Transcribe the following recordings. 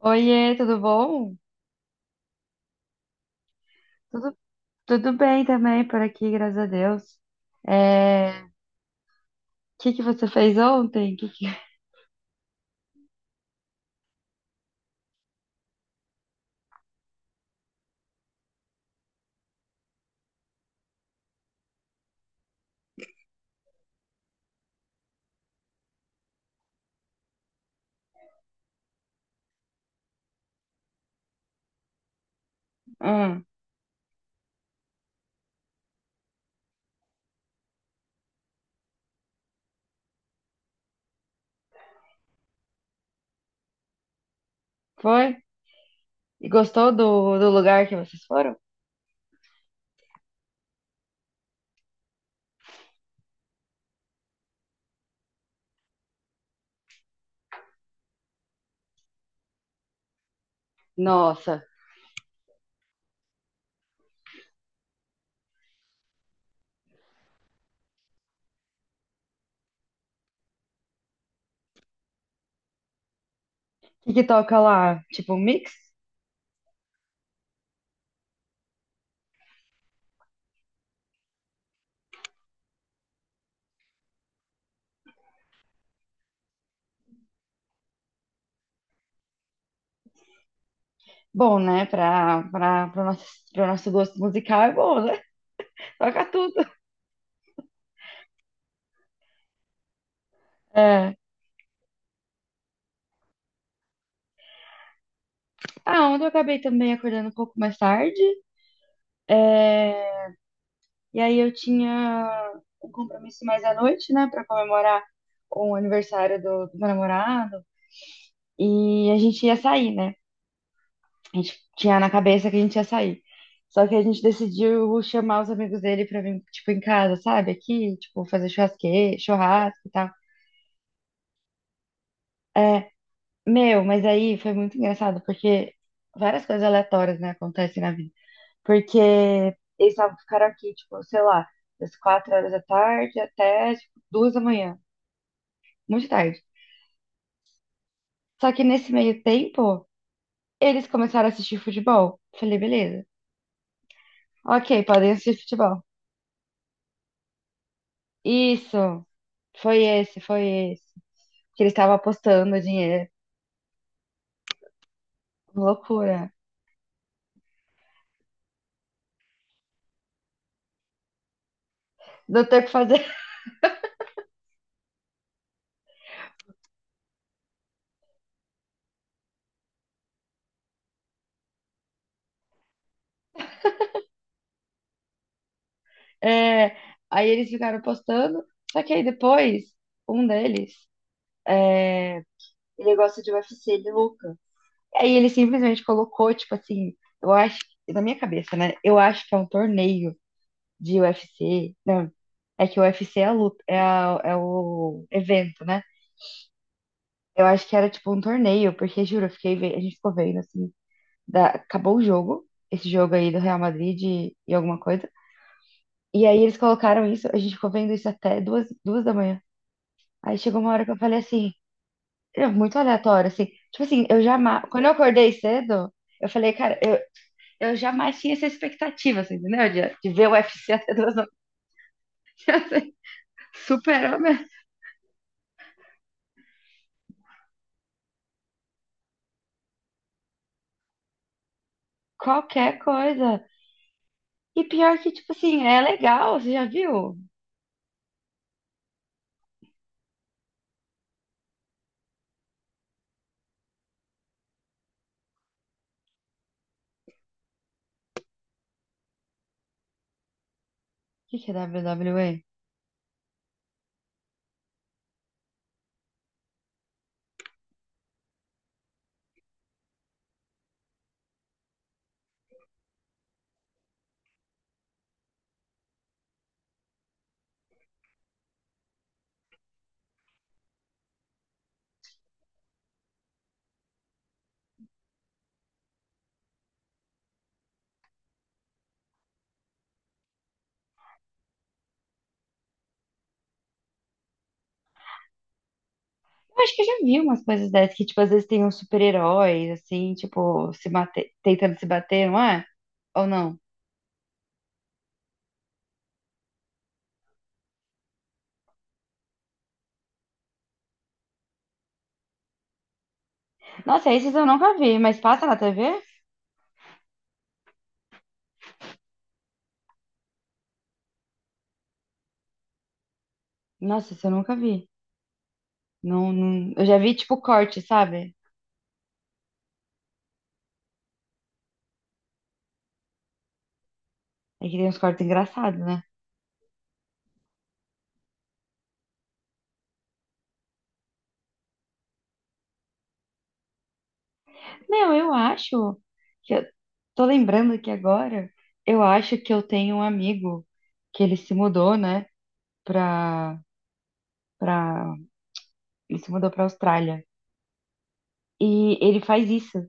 Oiê, tudo bom? Tudo, tudo bem também por aqui, graças a Deus. É, o Que que você fez ontem? Que- Hum, foi? E gostou do lugar que vocês foram? Nossa, o que que toca lá? Tipo um mix? Bom, né? Pro nosso gosto musical é bom, né? Toca tudo. É. Ah, ontem eu acabei também acordando um pouco mais tarde. É, E aí eu tinha um compromisso mais à noite, né, pra comemorar o aniversário do meu namorado. E a gente ia sair, né? A gente tinha na cabeça que a gente ia sair. Só que a gente decidiu chamar os amigos dele pra vir, tipo, em casa, sabe? Aqui, tipo, fazer churrasco e tal. É, meu, mas aí foi muito engraçado, porque várias coisas aleatórias, né, acontecem na vida. Porque eles tavam- ficaram aqui, tipo, sei lá, das 4 horas da tarde até, tipo, 2 da manhã. Muito tarde. Só que nesse meio tempo, eles começaram a assistir futebol. Falei, beleza. Ok, podem assistir futebol. Isso, foi esse, foi esse. Que eles estavam apostando dinheiro. Loucura. Não tem o que fazer. É, aí eles ficaram apostando. Só que aí depois, um deles, é, ele gosta de UFC, de louca. Aí ele simplesmente colocou, tipo assim, eu acho, na minha cabeça, né? Eu acho que é um torneio de UFC. Não, é que o UFC é a luta, é, a- é o evento, né? Eu acho que era tipo um torneio, porque juro, eu fiquei, ve- a gente ficou vendo assim, da- acabou o jogo, esse jogo aí do Real Madrid e alguma coisa. E aí eles colocaram isso, a gente ficou vendo isso até duas da manhã. Aí chegou uma hora que eu falei assim, é muito aleatório, assim. Tipo assim, eu jamais. Quando eu acordei cedo, eu falei, cara, eu jamais tinha essa expectativa, assim, entendeu? De ver o UFC até 2 da manhã. Assim, superou minha- qualquer coisa. E pior que, tipo assim, é legal, você já viu? O que que é WWE? Eu acho que eu já vi umas coisas dessas, que, tipo, às vezes tem uns super-heróis, assim, tipo, se mate... tentando se bater, não é? Ou não? Nossa, esses eu nunca vi, mas passa na TV? Nossa, isso eu nunca vi. Não, não... Eu já vi, tipo, corte, sabe? É que tem uns cortes engraçados, né? Meu, eu acho que... Eu... Tô lembrando aqui agora, eu acho que eu tenho um amigo que ele se mudou, né, pra... pra e se mudou pra Austrália. E ele faz isso.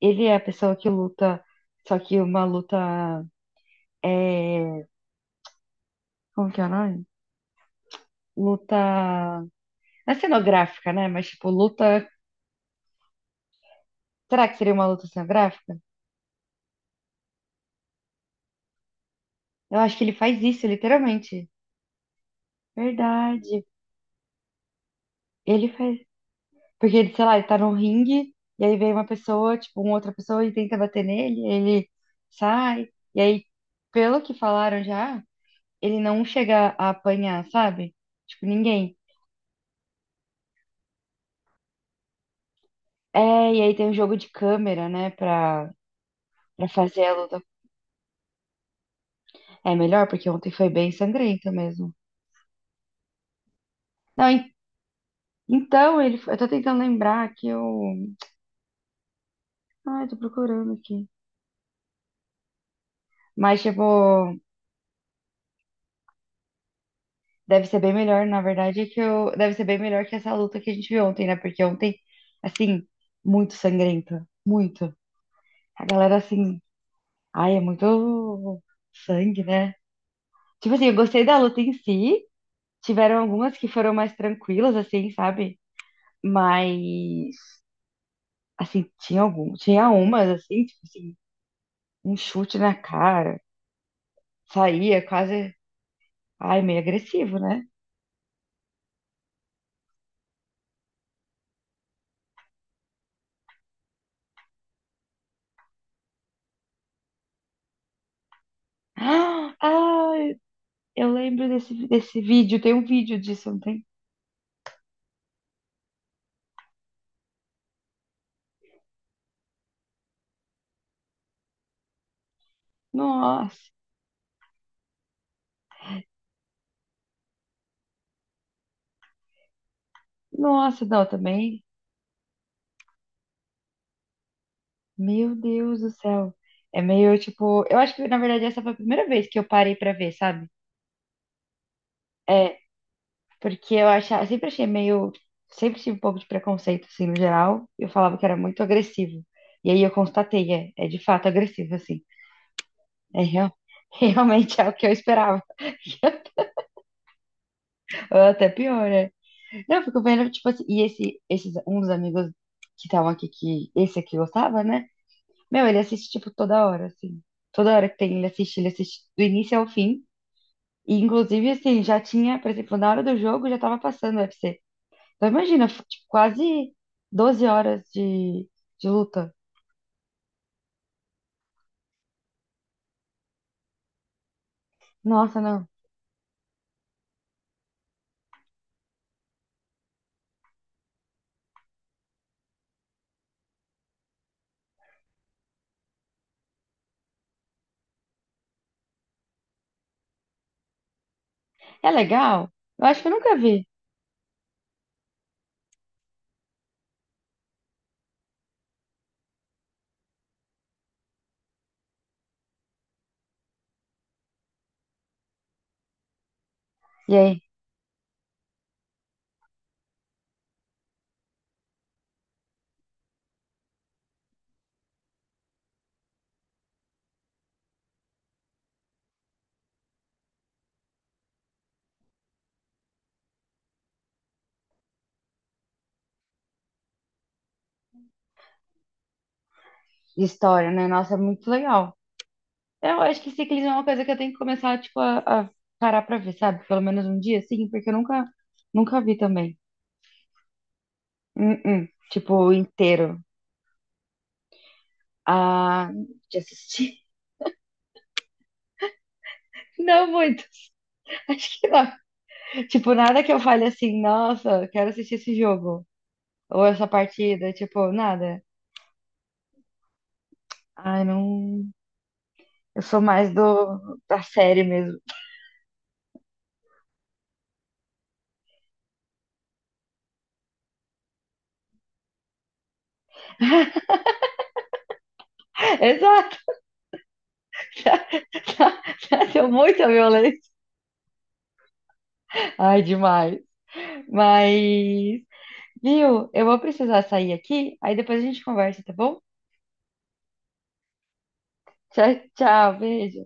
Ele é a pessoa que luta, só que uma luta é, como que é o nome? Luta, não é cenográfica, né? Mas tipo, luta, será que seria uma luta cenográfica? Eu acho que ele faz isso, literalmente. Verdade. Ele faz, porque ele, sei lá, ele tá num ringue e aí vem uma pessoa, tipo, uma outra pessoa e tenta bater nele, ele sai e aí, pelo que falaram já, ele não chega a apanhar, sabe? Tipo, ninguém. É, e aí tem o jogo de câmera, né, pra fazer a luta. É melhor, porque ontem foi bem sangrento mesmo. Não, en- então, ele, foi- eu tô tentando lembrar que eu. Ai, tô procurando aqui. Mas, tipo, deve ser bem melhor, na verdade, é que eu. Deve ser bem melhor que essa luta que a gente viu ontem, né? Porque ontem, assim, muito sangrenta. Muito. A galera, assim. Ai, é muito sangue, né? Tipo assim, eu gostei da luta em si. Tiveram algumas que foram mais tranquilas, assim, sabe? Mas, assim, tinha algum, tinha umas, assim, tipo assim, um chute na cara, saía quase, ai, meio agressivo, né? Ah, ai, eu lembro desse vídeo, tem um vídeo disso, não tem? Nossa, nossa, não, também, meu Deus do céu. É meio, tipo, eu acho que, na verdade, essa foi a primeira vez que eu parei pra ver, sabe? É, porque eu achava, eu sempre achei meio, sempre tive um pouco de preconceito, assim, no geral. Eu falava que era muito agressivo. E aí eu constatei, é, é de fato agressivo, assim. É real, realmente é o que eu esperava. Ou até pior, né? Não, eu fico vendo, tipo assim, um dos amigos que estavam aqui, que esse aqui gostava, né? Meu, ele assiste, tipo, toda hora, assim. Toda hora que tem, ele assiste do início ao fim. E, inclusive, assim, já tinha, por exemplo, na hora do jogo já tava passando o UFC. Então imagina, foi, tipo, quase 12 horas de luta. Nossa, não. É legal? Eu acho que eu nunca vi. E aí, história, né? Nossa, é muito legal. Eu acho que ciclismo é uma coisa que eu tenho que começar, tipo, a parar pra ver, sabe? Pelo menos um dia, sim, porque eu nunca, nunca vi também. Uh-uh. Tipo, inteiro. Ah, de assistir. Não muito. Tipo, nada que eu fale assim, nossa, quero assistir esse jogo. Ou essa partida, tipo, nada. Ai, não. Eu sou mais do da série mesmo. Exato. Já, já, já deu muita violência. Ai, demais. Mas, viu? Eu vou precisar sair aqui, aí depois a gente conversa, tá bom? Tchau, tchau, beijo.